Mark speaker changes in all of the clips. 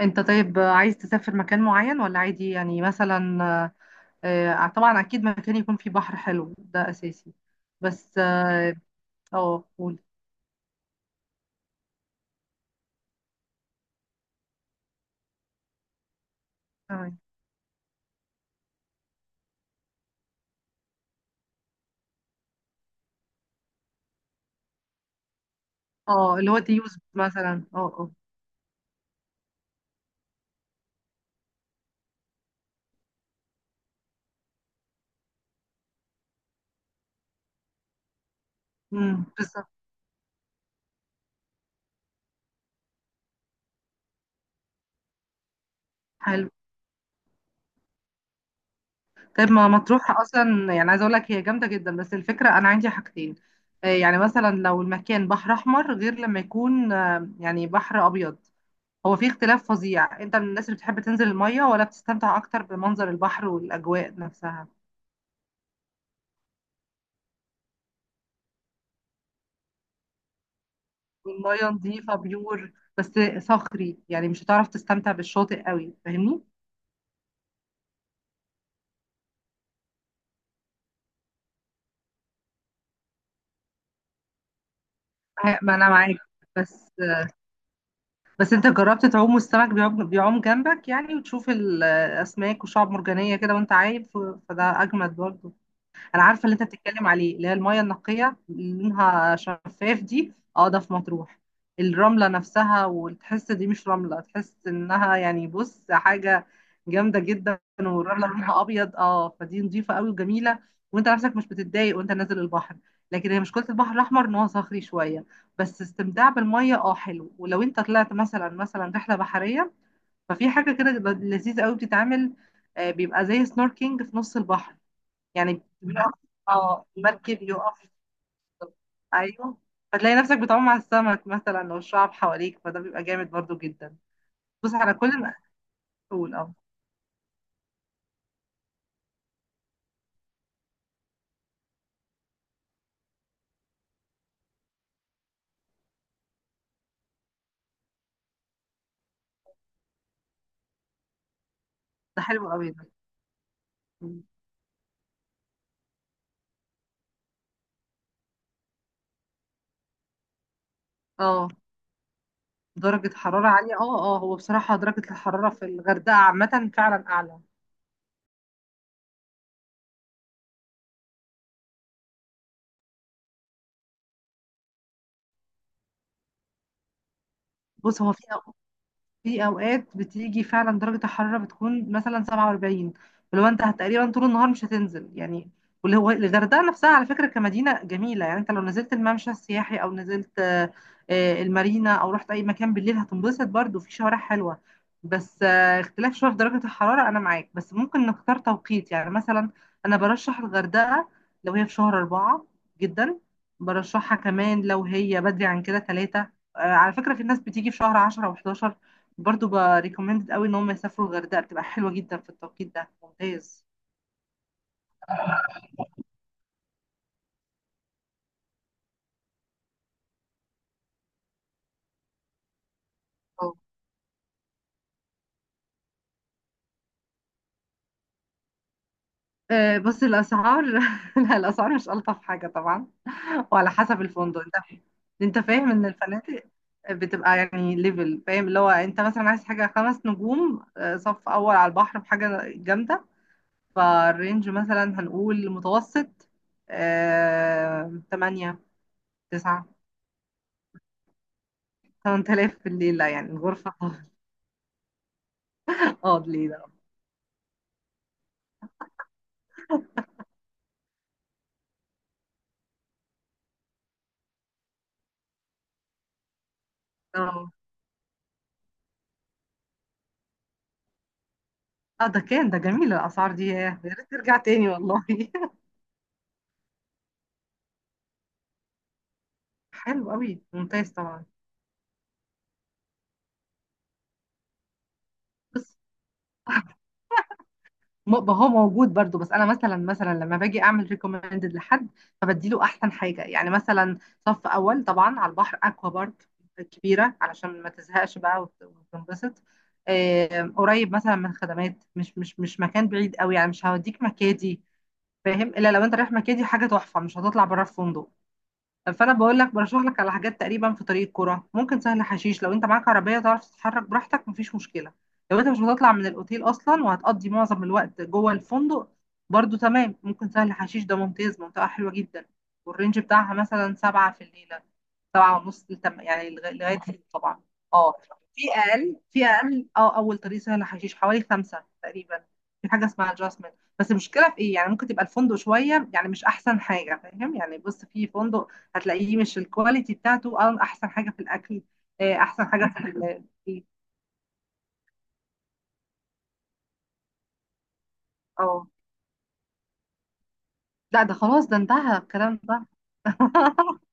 Speaker 1: انت طيب، عايز تسافر مكان معين ولا عادي؟ يعني مثلا طبعا اكيد مكان يكون فيه بحر حلو، ده اساسي. بس اه، قول. تمام. اه اللي هو ديوز مثلا، اه اه. بالظبط. حلو. طيب ما مطروح اصلا يعني، عايزه اقول لك هي جامده جدا. بس الفكره انا عندي حاجتين. يعني مثلا لو المكان بحر احمر، غير لما يكون يعني بحر ابيض. هو في اختلاف فظيع. انت من الناس اللي بتحب تنزل الميه ولا بتستمتع اكتر بمنظر البحر والاجواء نفسها؟ والمية نظيفة بيور، بس صخري يعني، مش هتعرف تستمتع بالشاطئ قوي، فاهمني؟ ما انا معاك، بس بس انت جربت تعوم والسمك بيعوم جنبك يعني، وتشوف الاسماك وشعب مرجانية كده وانت عايم فده اجمد برضه. انا عارفه اللي انت بتتكلم عليه، اللي هي المايه النقيه اللي لونها شفاف دي، اه ده في مطروح. الرمله نفسها وتحس دي مش رمله، تحس انها يعني، بص، حاجه جامده جدا، والرمله لونها ابيض، اه فدي نظيفه قوي وجميله. وانت نفسك مش بتتضايق وانت نازل البحر. لكن هي مشكله البحر الاحمر ان هو صخري شويه. بس استمتاع بالميه اه حلو، ولو انت طلعت مثلا رحله بحريه، ففي حاجه كده لذيذه قوي بتتعمل. بيبقى زي سنوركينج في نص البحر، يعني بيقف، اه المركب يقف، ايوه. فتلاقي نفسك بتعوم على السمك مثلا والشعب حواليك، فده بيبقى جامد برضو جدا. بص على كل ما تقول اه. ده حلو قوي ده. مم. اه درجة حرارة عالية، اه اه، هو بصراحة درجة الحرارة في الغردقة عامة فعلا أعلى. بص، هو في في اوقات بتيجي فعلا درجه الحراره بتكون مثلا 47، فلو انت تقريبا طول النهار مش هتنزل يعني. واللي هو الغردقه نفسها على فكره كمدينه جميله، يعني انت لو نزلت الممشى السياحي او نزلت المارينا او رحت اي مكان بالليل هتنبسط برضو، في شوارع حلوه. بس اختلاف شويه في درجه الحراره، انا معاك، بس ممكن نختار توقيت. يعني مثلا انا برشح الغردقه لو هي في شهر أربعة جدا. برشحها كمان لو هي بدري عن كده، ثلاثة. على فكرة في ناس بتيجي في شهر 10 و11، برضو بريكومندد قوي ان هم يسافروا. الغردقه بتبقى حلوه جدا في التوقيت ده، ممتاز. اه بس الاسعار لا الاسعار مش الطف حاجه طبعا، وعلى حسب الفندق انت. انت فاهم ان الفنادق بتبقى يعني ليفل، فاهم؟ اللي هو انت مثلا عايز حاجه خمس نجوم، صف اول على البحر، بحاجه جامده، فالرينج مثلا هنقول متوسط 8، 9، 8,000 في الليله يعني الغرفه. اه الليله. اه ده كان ده جميل الاسعار دي، ياه، يا ريت ترجع تاني والله. حلو قوي، ممتاز طبعا. بس هو موجود برضو، بس انا مثلا لما باجي اعمل ريكومندد لحد، فبدي له احسن حاجه. يعني مثلا صف اول طبعا على البحر، اكوا بارك كبيره علشان ما تزهقش بقى وتنبسط، قريب مثلا من الخدمات، مش مكان بعيد قوي، يعني مش هوديك مكادي، فاهم؟ الا لو انت رايح مكادي حاجه تحفه، مش هتطلع بره الفندق. فانا بقول لك برشح لك على حاجات تقريبا في طريق الكرة، ممكن سهل حشيش لو انت معاك عربيه تعرف تتحرك براحتك، مفيش مشكله. لو انت مش هتطلع من الاوتيل اصلا وهتقضي معظم الوقت جوه الفندق، برضو تمام، ممكن سهل حشيش ده ممتاز، منطقه حلوه جدا. والرينج بتاعها مثلا سبعة في الليله، سبعة ونص، يعني لغاية ست طبعا. اه في أقل، اه أول طريق سهل حشيش حوالي خمسة تقريبا. في حاجة اسمها adjustment. بس المشكلة في إيه؟ يعني ممكن تبقى الفندق شوية يعني، مش أحسن حاجة، فاهم؟ يعني بص، في فندق هتلاقيه مش الكواليتي بتاعته أحسن حاجة في الأكل، أحسن حاجة في اه لا ده خلاص، ده انتهى الكلام ده.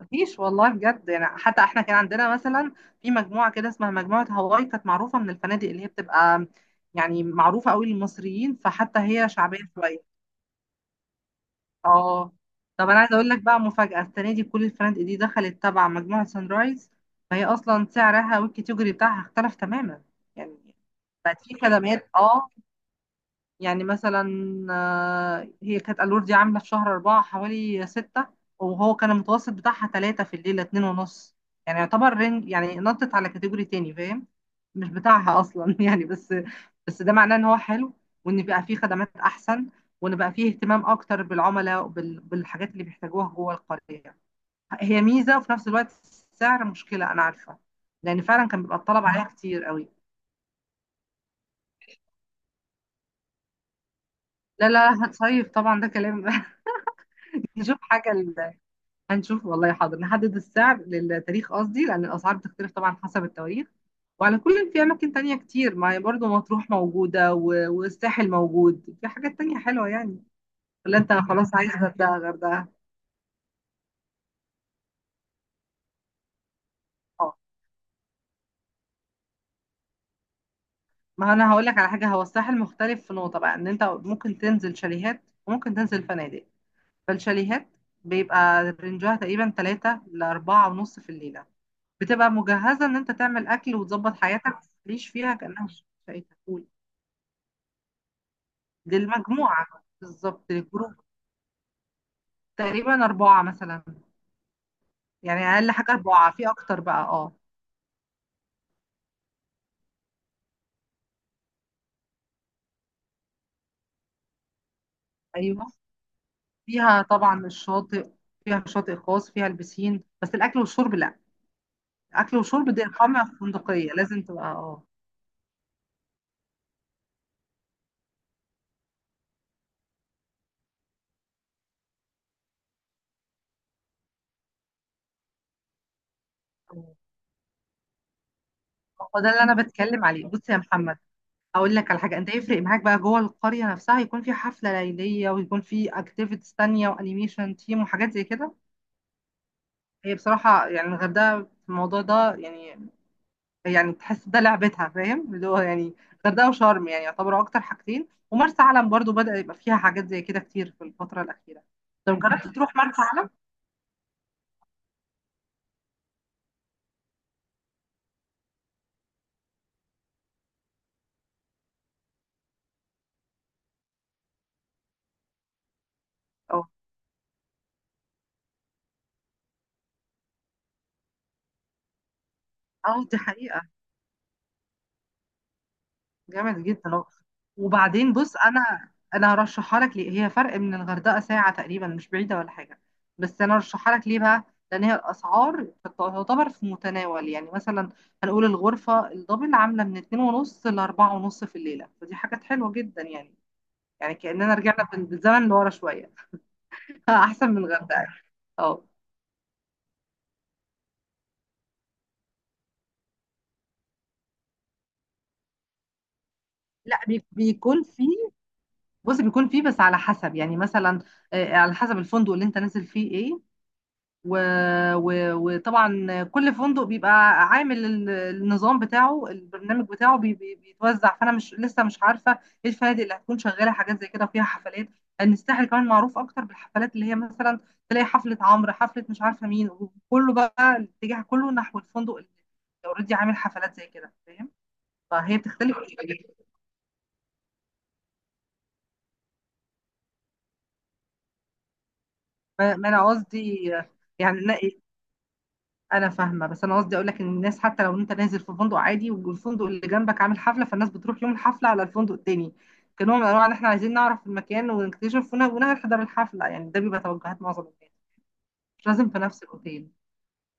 Speaker 1: مفيش والله بجد يعني. حتى احنا كان عندنا مثلا في مجموعه كده اسمها مجموعه هواي، كانت معروفه من الفنادق، اللي هي بتبقى يعني معروفه قوي للمصريين، فحتى هي شعبيه شويه. اه طب انا عايزه اقول لك بقى مفاجاه السنه دي، كل الفنادق دي دخلت تبع مجموعه سان رايز، فهي اصلا سعرها والكاتيجوري بتاعها اختلف تماما. يعني بقت في خدمات اه، يعني مثلا هي كانت الور دي عامله في شهر أربعة حوالي ستة، وهو كان المتوسط بتاعها تلاتة في الليله، اتنين ونص. يعني يعتبر رينج، يعني نطت على كاتيجوري تاني، فاهم؟ مش بتاعها اصلا يعني. بس بس ده معناه ان هو حلو، وان بقى فيه خدمات احسن، وان بقى فيه اهتمام اكتر بالعملاء بالحاجات اللي بيحتاجوها جوه القريه. هي ميزه، وفي نفس الوقت السعر مشكله، انا عارفه، لان فعلا كان بيبقى الطلب عليها كتير قوي. لا، هتصيف طبعا، ده كلام. نشوف حاجه، هنشوف والله، حاضر. نحدد السعر للتاريخ قصدي، لأن الأسعار بتختلف طبعا حسب التواريخ. وعلى كل في أماكن تانية كتير، ما هي برضه مطروح موجودة والساحل موجود، في حاجات تانية حلوة يعني. ولا أنت خلاص عايز غردقة غردقة؟ اه، ما أنا هقول لك على حاجة. هو الساحل مختلف في نقطة بقى، إن أنت ممكن تنزل شاليهات وممكن تنزل فنادق. فالشاليهات بيبقى رينجها تقريبا تلاتة لأربعة ونص في الليلة، بتبقى مجهزة إن أنت تعمل أكل وتظبط حياتك، ليش فيها كأنها شقة للمجموعة، بالظبط للجروب. تقريبا أربعة مثلا، يعني أقل حاجة أربعة في أكتر بقى، اه. أيوه، فيها طبعا الشاطئ، فيها شاطئ خاص، فيها البسين، بس الأكل والشرب لأ. أكل وشرب دي إقامة فندقية لازم تبقى، اه. هو ده اللي أنا بتكلم عليه، بص يا محمد. أقول لك على حاجة، أنت يفرق معاك بقى جوه القرية نفسها يكون في حفلة ليلية، ويكون في أكتيفيتيز تانية، وأنيميشن تيم وحاجات زي كده. هي بصراحة يعني الغردقة في الموضوع ده يعني، يعني تحس ده لعبتها، فاهم؟ اللي هو يعني الغردقه وشرم يعني يعتبروا اكتر حاجتين، ومرسى علم برضو بدأ يبقى فيها حاجات زي كده كتير في الفتره الاخيره. طب جربت تروح مرسى علم؟ اه اه دي حقيقه. جامد جدا، اه. وبعدين بص، انا هرشحها لك ليه؟ هي فرق من الغردقه ساعه تقريبا، مش بعيده ولا حاجه. بس انا هرشحها لك ليه بقى؟ لان هي الاسعار تعتبر في متناول، يعني مثلا هنقول الغرفه الدبل عامله من اتنين ونص لاربعة ونص في الليله، فدي حاجات حلوه جدا يعني. يعني كأننا رجعنا بالزمن لورا شوية. أحسن من الغردقة. اه لا بيكون فيه، بص بيكون فيه، بس على حسب يعني مثلا، على حسب الفندق اللي انت نازل فيه ايه. و... وطبعا كل فندق بيبقى عامل النظام بتاعه، البرنامج بتاعه بيتوزع، فانا مش عارفه ايه الفنادق اللي هتكون شغاله حاجات زي كده وفيها حفلات، لان الساحل كمان معروف اكتر بالحفلات، اللي هي مثلا تلاقي حفله عمرو، حفله مش عارفه مين، وكله بقى الاتجاه كله نحو الفندق اللي اوريدي عامل حفلات زي كده، فاهم؟ فهي بتختلف. ما انا قصدي يعني، انا فاهمه، بس انا قصدي اقول لك ان الناس حتى لو انت نازل في فندق عادي والفندق اللي جنبك عامل حفله، فالناس بتروح يوم الحفله على الفندق التاني، كنوع من انواع ان احنا عايزين نعرف المكان ونكتشف ونحضر الحفله، يعني ده بيبقى توجهات معظم الناس، مش لازم في نفس الاوتيل.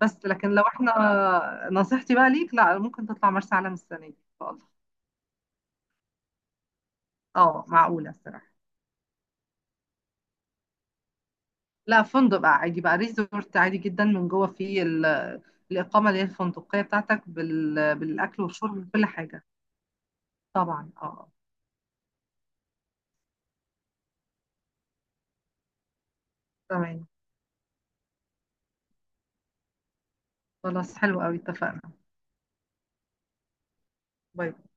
Speaker 1: بس لكن لو احنا، نصيحتي بقى ليك، لا ممكن تطلع مرسى علم السنه دي ان شاء الله. اه معقوله الصراحه. لا فندق بقى عادي، بقى ريزورت عادي جدا، من جوه فيه الاقامه اللي هي الفندقيه بتاعتك بالاكل والشرب بكل حاجه. طبعا اه. تمام، خلاص حلو قوي، اتفقنا. باي باي.